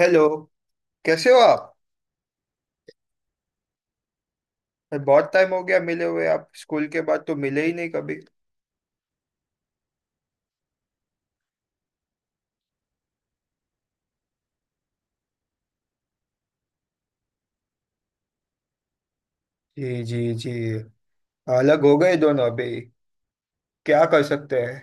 Hello. कैसे हो आप। बहुत टाइम हो गया मिले हुए, आप स्कूल के बाद तो मिले ही नहीं कभी। जी जी जी। अलग हो गए दोनों अभी। क्या कर सकते हैं।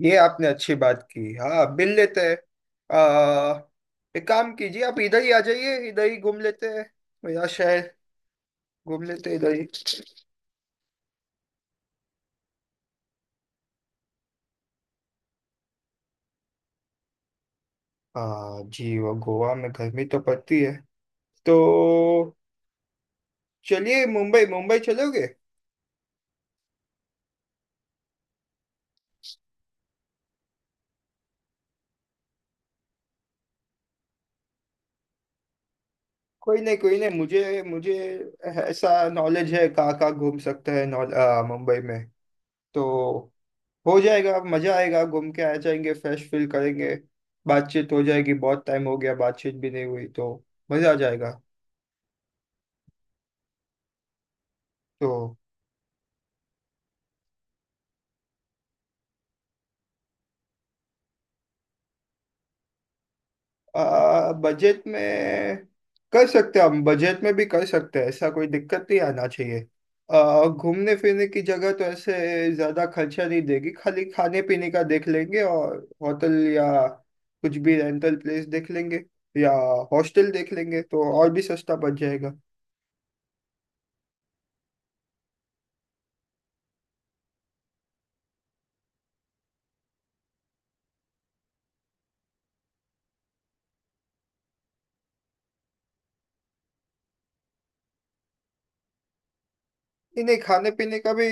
ये आपने अच्छी बात की, हाँ मिल लेते हैं। एक काम कीजिए, आप इधर ही आ जाइए, इधर ही घूम लेते हैं। मेरा शहर घूम लेते हैं इधर ही। हाँ जी, वो गोवा में गर्मी तो पड़ती है तो चलिए मुंबई मुंबई चलोगे। कोई नहीं कोई नहीं, मुझे मुझे ऐसा नॉलेज है कहाँ कहाँ घूम सकते हैं मुंबई में तो। हो जाएगा, मजा आएगा, घूम के आ जाएंगे, फ्रेश फील करेंगे। बातचीत हो जाएगी, बहुत टाइम हो गया बातचीत भी नहीं हुई तो मजा आ जाएगा। तो बजट में कर सकते हैं, हम बजट में भी कर सकते हैं, ऐसा कोई दिक्कत नहीं आना चाहिए। घूमने फिरने की जगह तो ऐसे ज्यादा खर्चा नहीं देगी, खाली खाने पीने का देख लेंगे, और होटल या कुछ भी रेंटल प्लेस देख लेंगे या हॉस्टल देख लेंगे, तो और भी सस्ता बच जाएगा। नहीं नहीं, खाने पीने का भी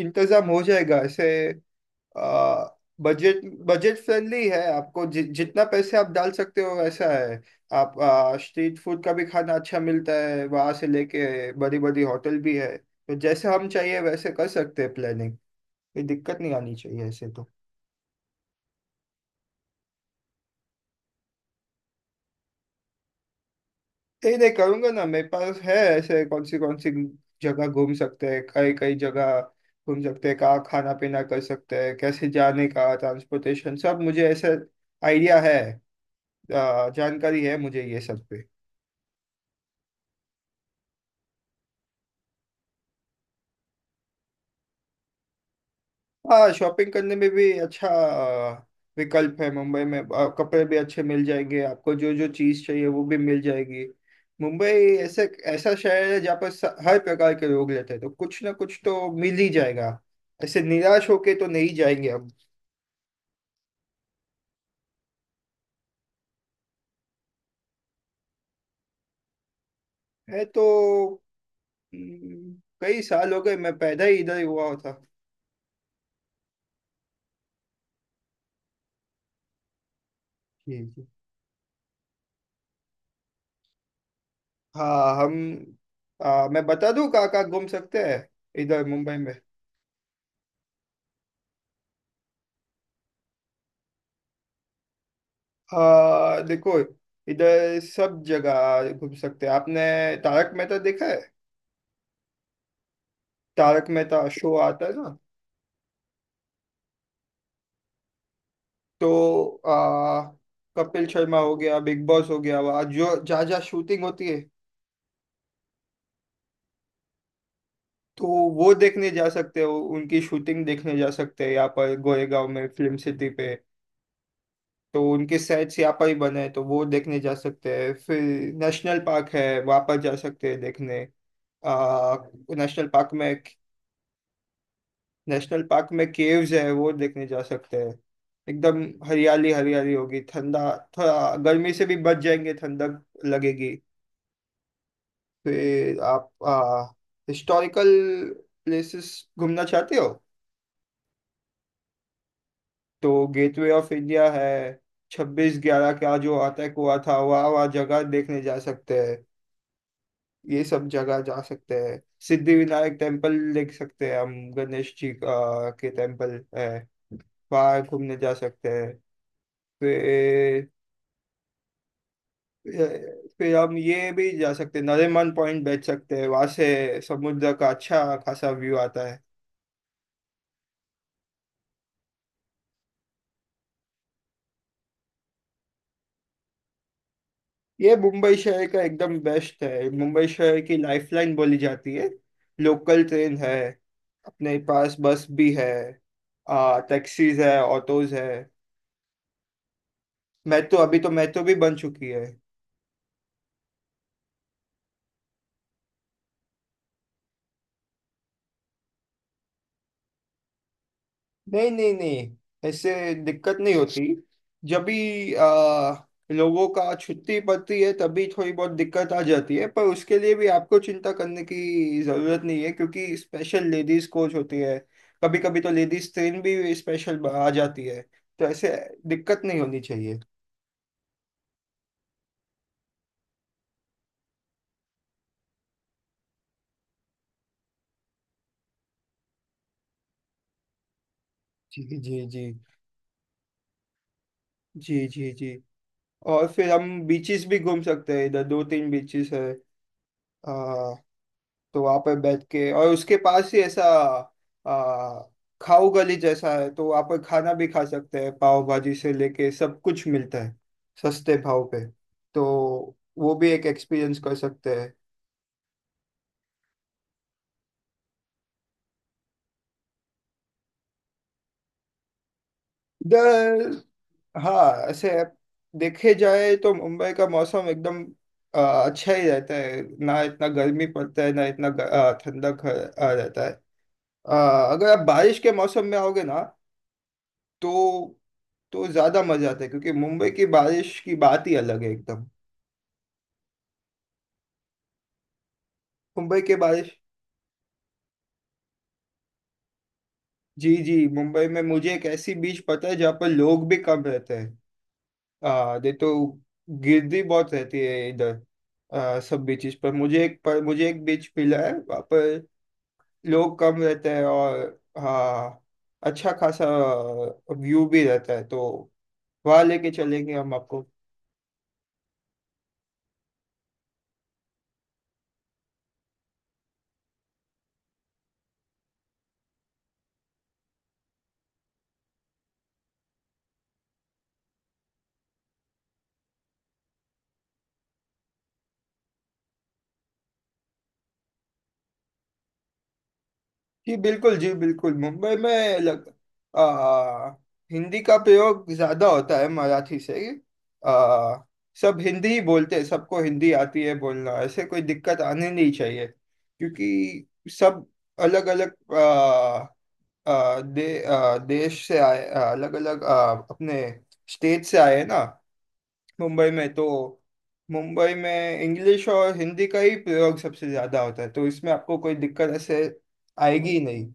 इंतजाम हो जाएगा ऐसे। आ, बजट बजट फ्रेंडली है, आपको जितना पैसे आप डाल सकते हो वैसा है। आप स्ट्रीट फूड का भी खाना अच्छा मिलता है वहां से लेके, बड़ी बड़ी होटल भी है, तो जैसे हम चाहिए वैसे कर सकते हैं प्लानिंग। कोई दिक्कत नहीं आनी चाहिए ऐसे तो। नहीं नहीं करूंगा ना, मेरे पास है ऐसे कौन सी जगह घूम सकते हैं, कई कई जगह घूम सकते हैं, कहाँ खाना पीना कर सकते हैं, कैसे जाने का ट्रांसपोर्टेशन, सब मुझे ऐसा आइडिया है, जानकारी है मुझे ये सब पे। हाँ शॉपिंग करने में भी अच्छा विकल्प है मुंबई में, कपड़े भी अच्छे मिल जाएंगे आपको, जो जो चीज़ चाहिए वो भी मिल जाएगी। मुंबई ऐसे ऐसा शहर है जहाँ पर हर प्रकार के लोग रहते हैं, तो कुछ ना कुछ तो मिल ही जाएगा, ऐसे निराश होके तो नहीं जाएंगे हम। है तो। हम्म, कई साल हो गए, मैं पैदा ही इधर ही हुआ था। जी जी। हाँ हम। मैं बता दूँ कहाँ कहाँ घूम सकते हैं। इधर मुंबई में देखो, इधर सब जगह घूम सकते हैं आपने। तारक मेहता देखा है, तारक मेहता शो आता है ना। तो आ, कपिल शर्मा हो गया, बिग बॉस हो गया, वहाँ जो जहाँ जहाँ शूटिंग होती है। तो वो देखने जा सकते हो, उनकी शूटिंग देखने जा सकते हैं, यहाँ पर गोरेगांव में फिल्म सिटी पे। तो उनके सेट्स यहाँ पर ही बने हैं, तो वो देखने जा सकते हैं फिर। नेशनल पार्क है, वहाँ पर जा सकते हैं देखने। आ, नेशनल पार्क में, नेशनल पार्क में केव्स है, वो देखने जा सकते हैं। एकदम हरियाली हरियाली होगी, ठंडा, थोड़ा गर्मी से भी बच जाएंगे, ठंडक लगेगी। फिर आप हिस्टोरिकल प्लेसेस घूमना चाहते हो तो गेटवे ऑफ इंडिया है। 26/11 का जो अटैक हुआ था, वह जगह देखने जा सकते हैं। ये सब जगह जा सकते हैं। सिद्धिविनायक टेम्पल देख सकते हैं हम, गणेश जी का के टेम्पल है, वहाँ घूमने जा सकते हैं फिर। फिर हम ये भी जा सकते हैं, नरीमन पॉइंट बैठ सकते हैं, वहां से समुद्र का अच्छा खासा व्यू आता है। ये मुंबई शहर का एकदम बेस्ट है, मुंबई शहर की लाइफलाइन बोली जाती है, लोकल ट्रेन है। अपने पास बस भी है, आ टैक्सीज है, ऑटोज है। मेट्रो, अभी तो मेट्रो भी बन चुकी है। नहीं नहीं नहीं, ऐसे दिक्कत नहीं होती। जब भी लोगों का छुट्टी पड़ती है तभी थोड़ी बहुत दिक्कत आ जाती है, पर उसके लिए भी आपको चिंता करने की जरूरत नहीं है, क्योंकि स्पेशल लेडीज कोच होती है। कभी कभी तो लेडीज ट्रेन भी स्पेशल आ जाती है, तो ऐसे दिक्कत नहीं होनी चाहिए। जी जी जी। जी जी जी। और फिर हम बीचेस भी घूम सकते हैं, इधर दो तीन बीचेस है। तो वहां पे बैठ के, और उसके पास ही ऐसा आ, खाओ गली जैसा है, तो वहां पर खाना भी खा सकते हैं, पाव भाजी से लेके सब कुछ मिलता है सस्ते भाव पे। तो वो भी एक एक्सपीरियंस कर सकते हैं। इधर हाँ ऐसे देखे जाए तो मुंबई का मौसम एकदम आ, अच्छा ही रहता है, ना इतना गर्मी पड़ता है ना इतना ठंडक रहता है। अगर आप बारिश के मौसम में आओगे ना तो तो ज्यादा मजा आता है, क्योंकि मुंबई की बारिश की बात ही अलग है एकदम। मुंबई की बारिश। जी जी, मुंबई में मुझे एक ऐसी बीच पता है जहाँ पर लोग भी कम रहते हैं। आ दे तो गिरदी बहुत रहती है इधर सब बीचेस पर मुझे एक बीच मिला है वहाँ पर, लोग कम रहते हैं, और हाँ अच्छा खासा व्यू भी रहता है, तो वहाँ लेके चलेंगे हम आपको। जी बिल्कुल, जी बिल्कुल। मुंबई में आ, हिंदी का प्रयोग ज्यादा होता है मराठी से। आ, सब हिंदी ही बोलते हैं, सबको हिंदी आती है बोलना, ऐसे कोई दिक्कत आनी नहीं चाहिए, क्योंकि सब अलग अलग आ, आ, दे, आ, देश से आए, अलग अलग अपने स्टेट से आए हैं ना, मुंबई में तो। मुंबई में इंग्लिश और हिंदी का ही प्रयोग सबसे ज्यादा होता है, तो इसमें आपको कोई दिक्कत ऐसे आएगी ही नहीं।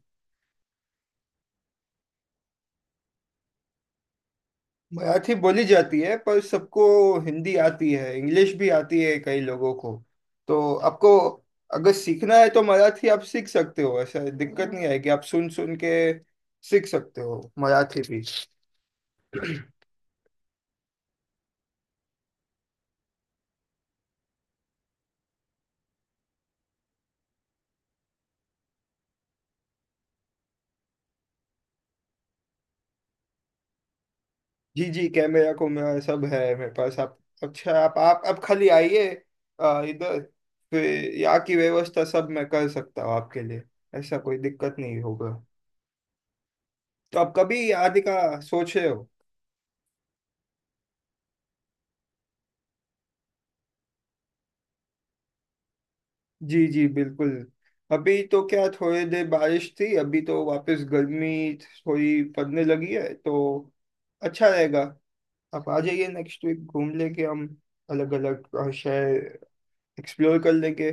मराठी बोली जाती है पर सबको हिंदी आती है, इंग्लिश भी आती है कई लोगों को। तो आपको अगर सीखना है तो मराठी आप सीख सकते हो, ऐसा दिक्कत नहीं आएगी, आप सुन सुन के सीख सकते हो मराठी भी। जी जी, कैमरा को मेरा सब है मेरे पास, आप। अच्छा, आप आप खाली आइए इधर। फिर यहाँ की व्यवस्था सब मैं कर सकता हूँ आपके लिए, ऐसा कोई दिक्कत नहीं होगा। तो आप कभी आने का सोच रहे हो। जी जी बिल्कुल। अभी तो क्या थोड़ी देर बारिश थी, अभी तो वापस गर्मी थोड़ी पड़ने लगी है तो अच्छा रहेगा। आप आ जाइए नेक्स्ट वीक, घूम लेंगे हम, अलग अलग शहर एक्सप्लोर कर लेंगे।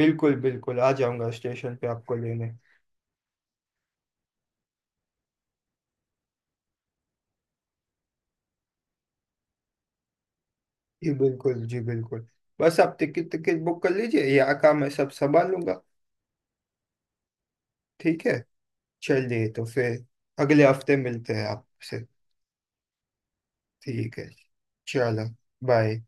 बिल्कुल बिल्कुल, आ जाऊंगा स्टेशन पे आपको लेने। जी बिल्कुल, जी बिल्कुल। बस आप टिकट टिकट बुक कर लीजिए, यहाँ का मैं सब संभाल लूंगा। ठीक है, चलिए तो फिर। अगले हफ्ते मिलते हैं आपसे। ठीक है। चलो बाय।